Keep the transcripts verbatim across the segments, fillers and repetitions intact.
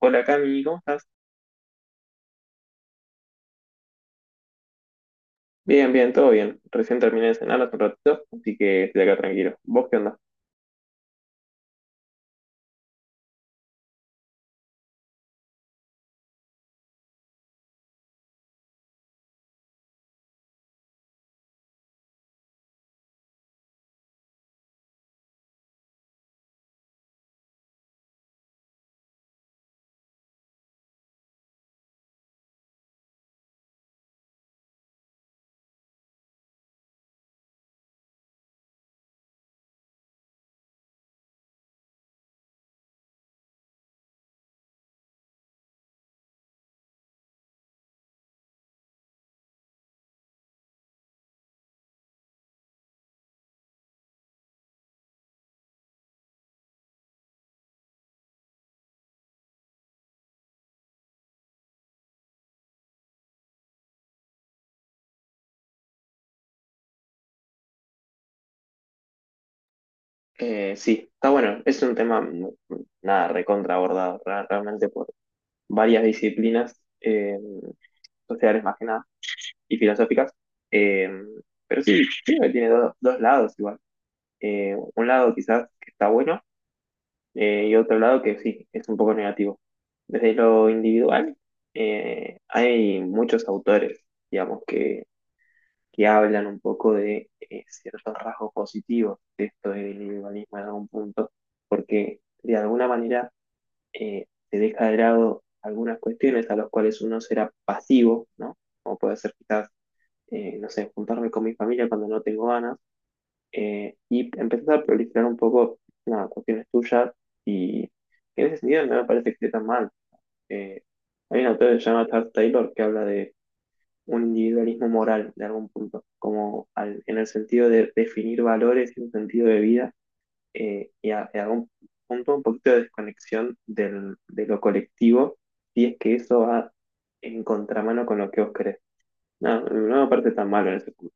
Hola Cami, ¿cómo estás? Bien, bien, todo bien. Recién terminé de cenar hace un ratito, así que estoy acá tranquilo. ¿Vos qué onda? Eh, sí, está bueno. Es un tema, mm, mm, nada, recontra abordado ra- realmente por varias disciplinas eh, sociales más que nada y filosóficas. Eh, pero sí, creo que tiene do- dos lados igual. Eh, un lado quizás que está bueno eh, y otro lado que sí, es un poco negativo. Desde lo individual, eh, hay muchos autores, digamos, que que hablan un poco de eh, ciertos rasgos positivos de esto del individualismo en algún punto, porque de alguna manera eh, se deja de lado algunas cuestiones a las cuales uno será pasivo, ¿no? Como puede ser quizás, eh, no sé, juntarme con mi familia cuando no tengo ganas, eh, y empezar a proliferar un poco nada, cuestiones tuyas, y en ese sentido no me parece que esté tan mal. Eh, Hay un autor que se llama Charles Taylor que habla de un individualismo moral de algún punto, como al- en el sentido de definir valores y un sentido de vida eh, y a, en algún punto un poquito de desconexión del, de lo colectivo, si es que eso va en contramano con lo que vos querés. No, no me parece tan malo en ese punto.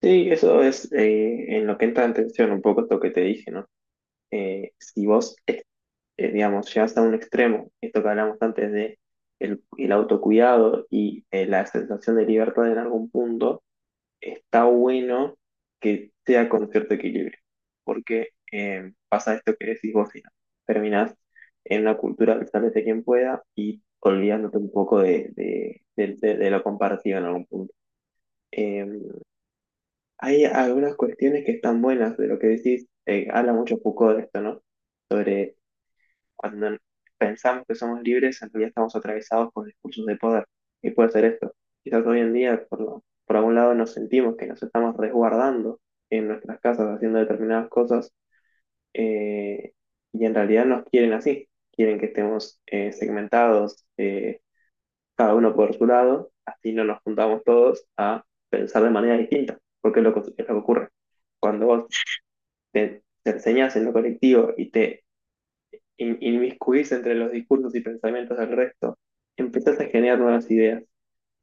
Sí, eso es eh, en lo que entra en tensión un poco esto que te dije, ¿no? Eh, si vos, eh, eh, digamos, llegas a un extremo, esto que hablamos antes de el, el autocuidado y eh, la sensación de libertad en algún punto, está bueno que sea con cierto equilibrio, porque eh, pasa esto que decís vos, Ina. Terminás en una cultura del sálvese quien pueda y olvidándote un poco de, de, de- de- de lo compartido en algún punto. Eh, Hay algunas cuestiones que están buenas de lo que decís, eh, habla mucho Foucault de esto, ¿no? Cuando pensamos que somos libres, en realidad estamos atravesados por discursos de poder. Y puede ser esto. Quizás hoy en día, por, lo- por algún lado, nos sentimos que nos estamos resguardando en nuestras casas haciendo determinadas cosas eh, y en realidad nos quieren así. Quieren que estemos eh, segmentados, eh, cada uno por su lado, así no nos juntamos todos a pensar de manera distinta, porque es lo que, es lo que ocurre. Cuando vos te, te enseñas en lo colectivo y te in- inmiscuirse entre los discursos y pensamientos del resto, empezás a generar nuevas ideas.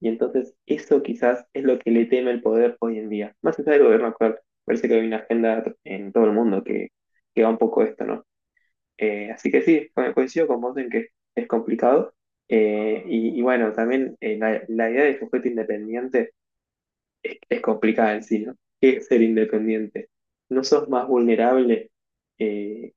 Y entonces eso quizás es lo que le teme el poder hoy en día. Más allá del gobierno actual, parece que hay una agenda en todo el mundo que, que va un poco esto, ¿no? Eh, así que sí, co- coincido con vos en que es complicado. Eh, y, y bueno, también eh, la, la idea de sujeto independiente es, es complicada en sí, ¿no? ¿Qué es ser independiente? ¿No sos más vulnerable? eh,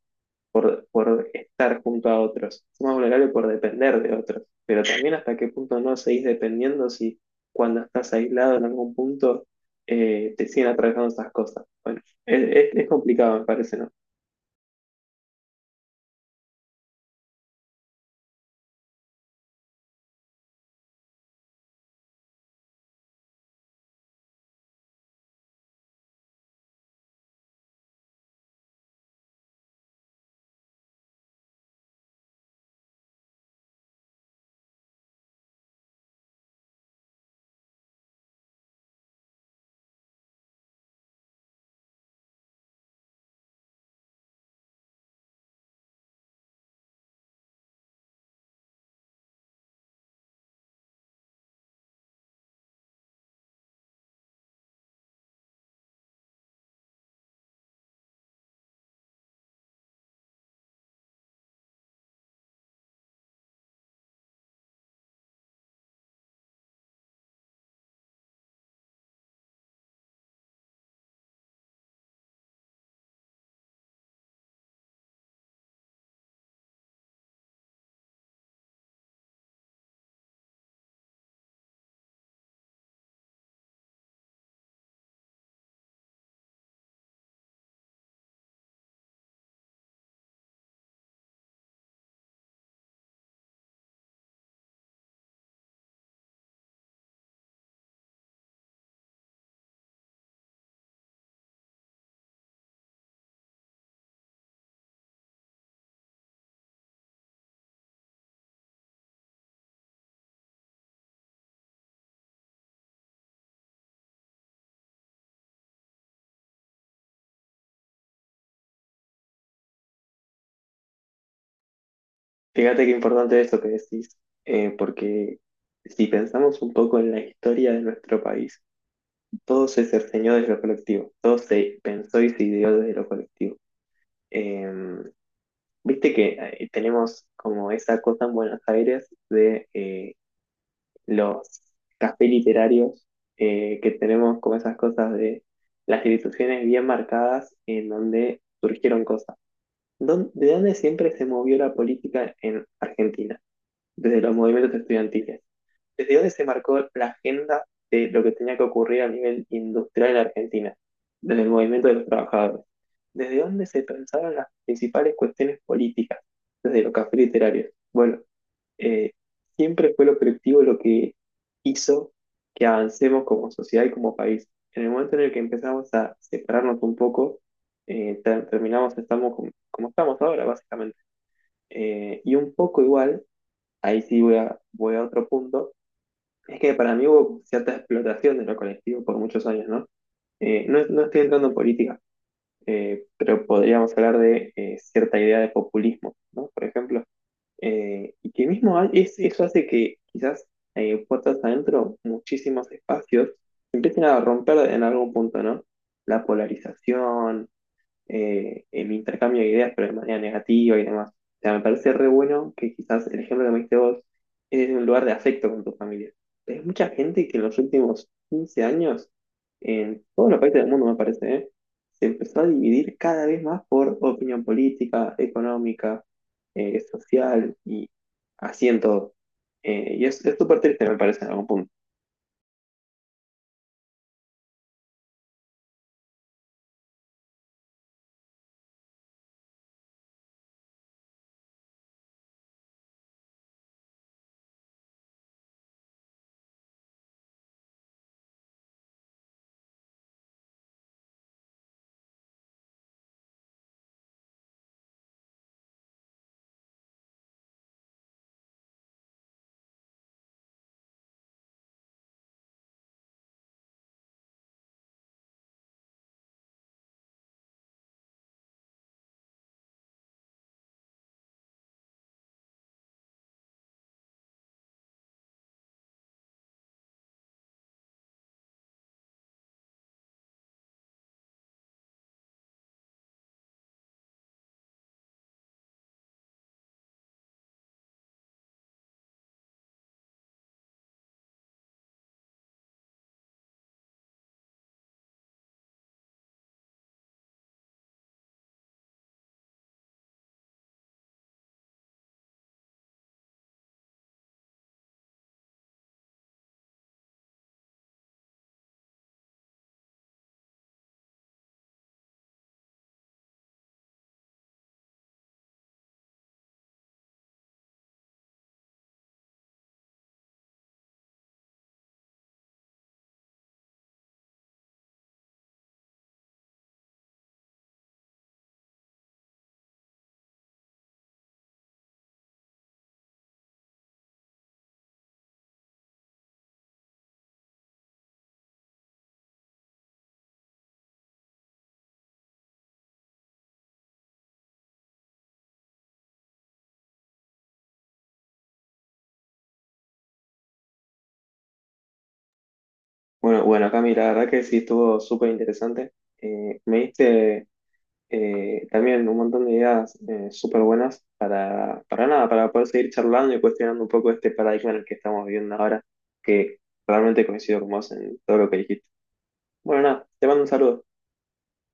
por, por estar junto a otros. Es más vulnerable por depender de otros. Pero también hasta qué punto no seguís dependiendo si cuando estás aislado en algún punto eh, te siguen atravesando esas cosas. Bueno, es, es- es complicado, me parece, ¿no? Fíjate qué importante esto que decís, eh, porque si pensamos un poco en la historia de nuestro país, todo se cerceñó desde lo colectivo, todo se pensó y se ideó desde lo colectivo. Em, Viste que eh, tenemos como esa cosa en Buenos Aires de eh, los cafés literarios eh, que tenemos como esas cosas de las instituciones bien marcadas en donde surgieron cosas. ¿Dó- ¿De dónde siempre se movió la política en Argentina? Desde los movimientos estudiantiles. ¿Desde dónde se marcó la agenda de lo que tenía que ocurrir a nivel industrial en Argentina? Desde el movimiento de los trabajadores. ¿Desde dónde se pensaron las principales cuestiones políticas? Desde los cafés literarios. Bueno, eh, siempre fue lo colectivo lo que hizo que avancemos como sociedad y como país. En el momento en el que empezamos a separarnos un poco, eh, ter- terminamos, estamos como, como estamos ahora, básicamente. Eh, y un poco igual ahí sí voy a, voy a otro punto, es que para mí hubo cierta explotación de lo colectivo por muchos años, ¿no? Eh, no, no estoy entrando en política, eh, pero podríamos hablar de eh, cierta idea de populismo, ¿no? Por ejemplo, eh, y que mismo hay- es- eso hace que quizás eh, puertas adentro muchísimos espacios se empiecen a romper en algún punto, ¿no? La polarización, eh, el intercambio de ideas, pero de manera negativa y demás. O sea, me parece re bueno que quizás el ejemplo que me diste vos es en un lugar de afecto con tu familia. Hay mucha gente que en los últimos quince años, en todos los países del mundo me parece, ¿eh? Se empezó a dividir cada vez más por opinión política, económica, eh, social y así en todo. Eh, y es es súper triste, me parece, en algún punto. Bueno, bueno, Cami, la verdad que sí estuvo súper interesante. Eh, me diste Eh, también un montón de ideas eh, súper buenas para, para nada, para poder seguir charlando y cuestionando un poco este paradigma en el que estamos viviendo ahora, que realmente coincido con vos en todo lo que dijiste. Bueno, nada, te mando un saludo.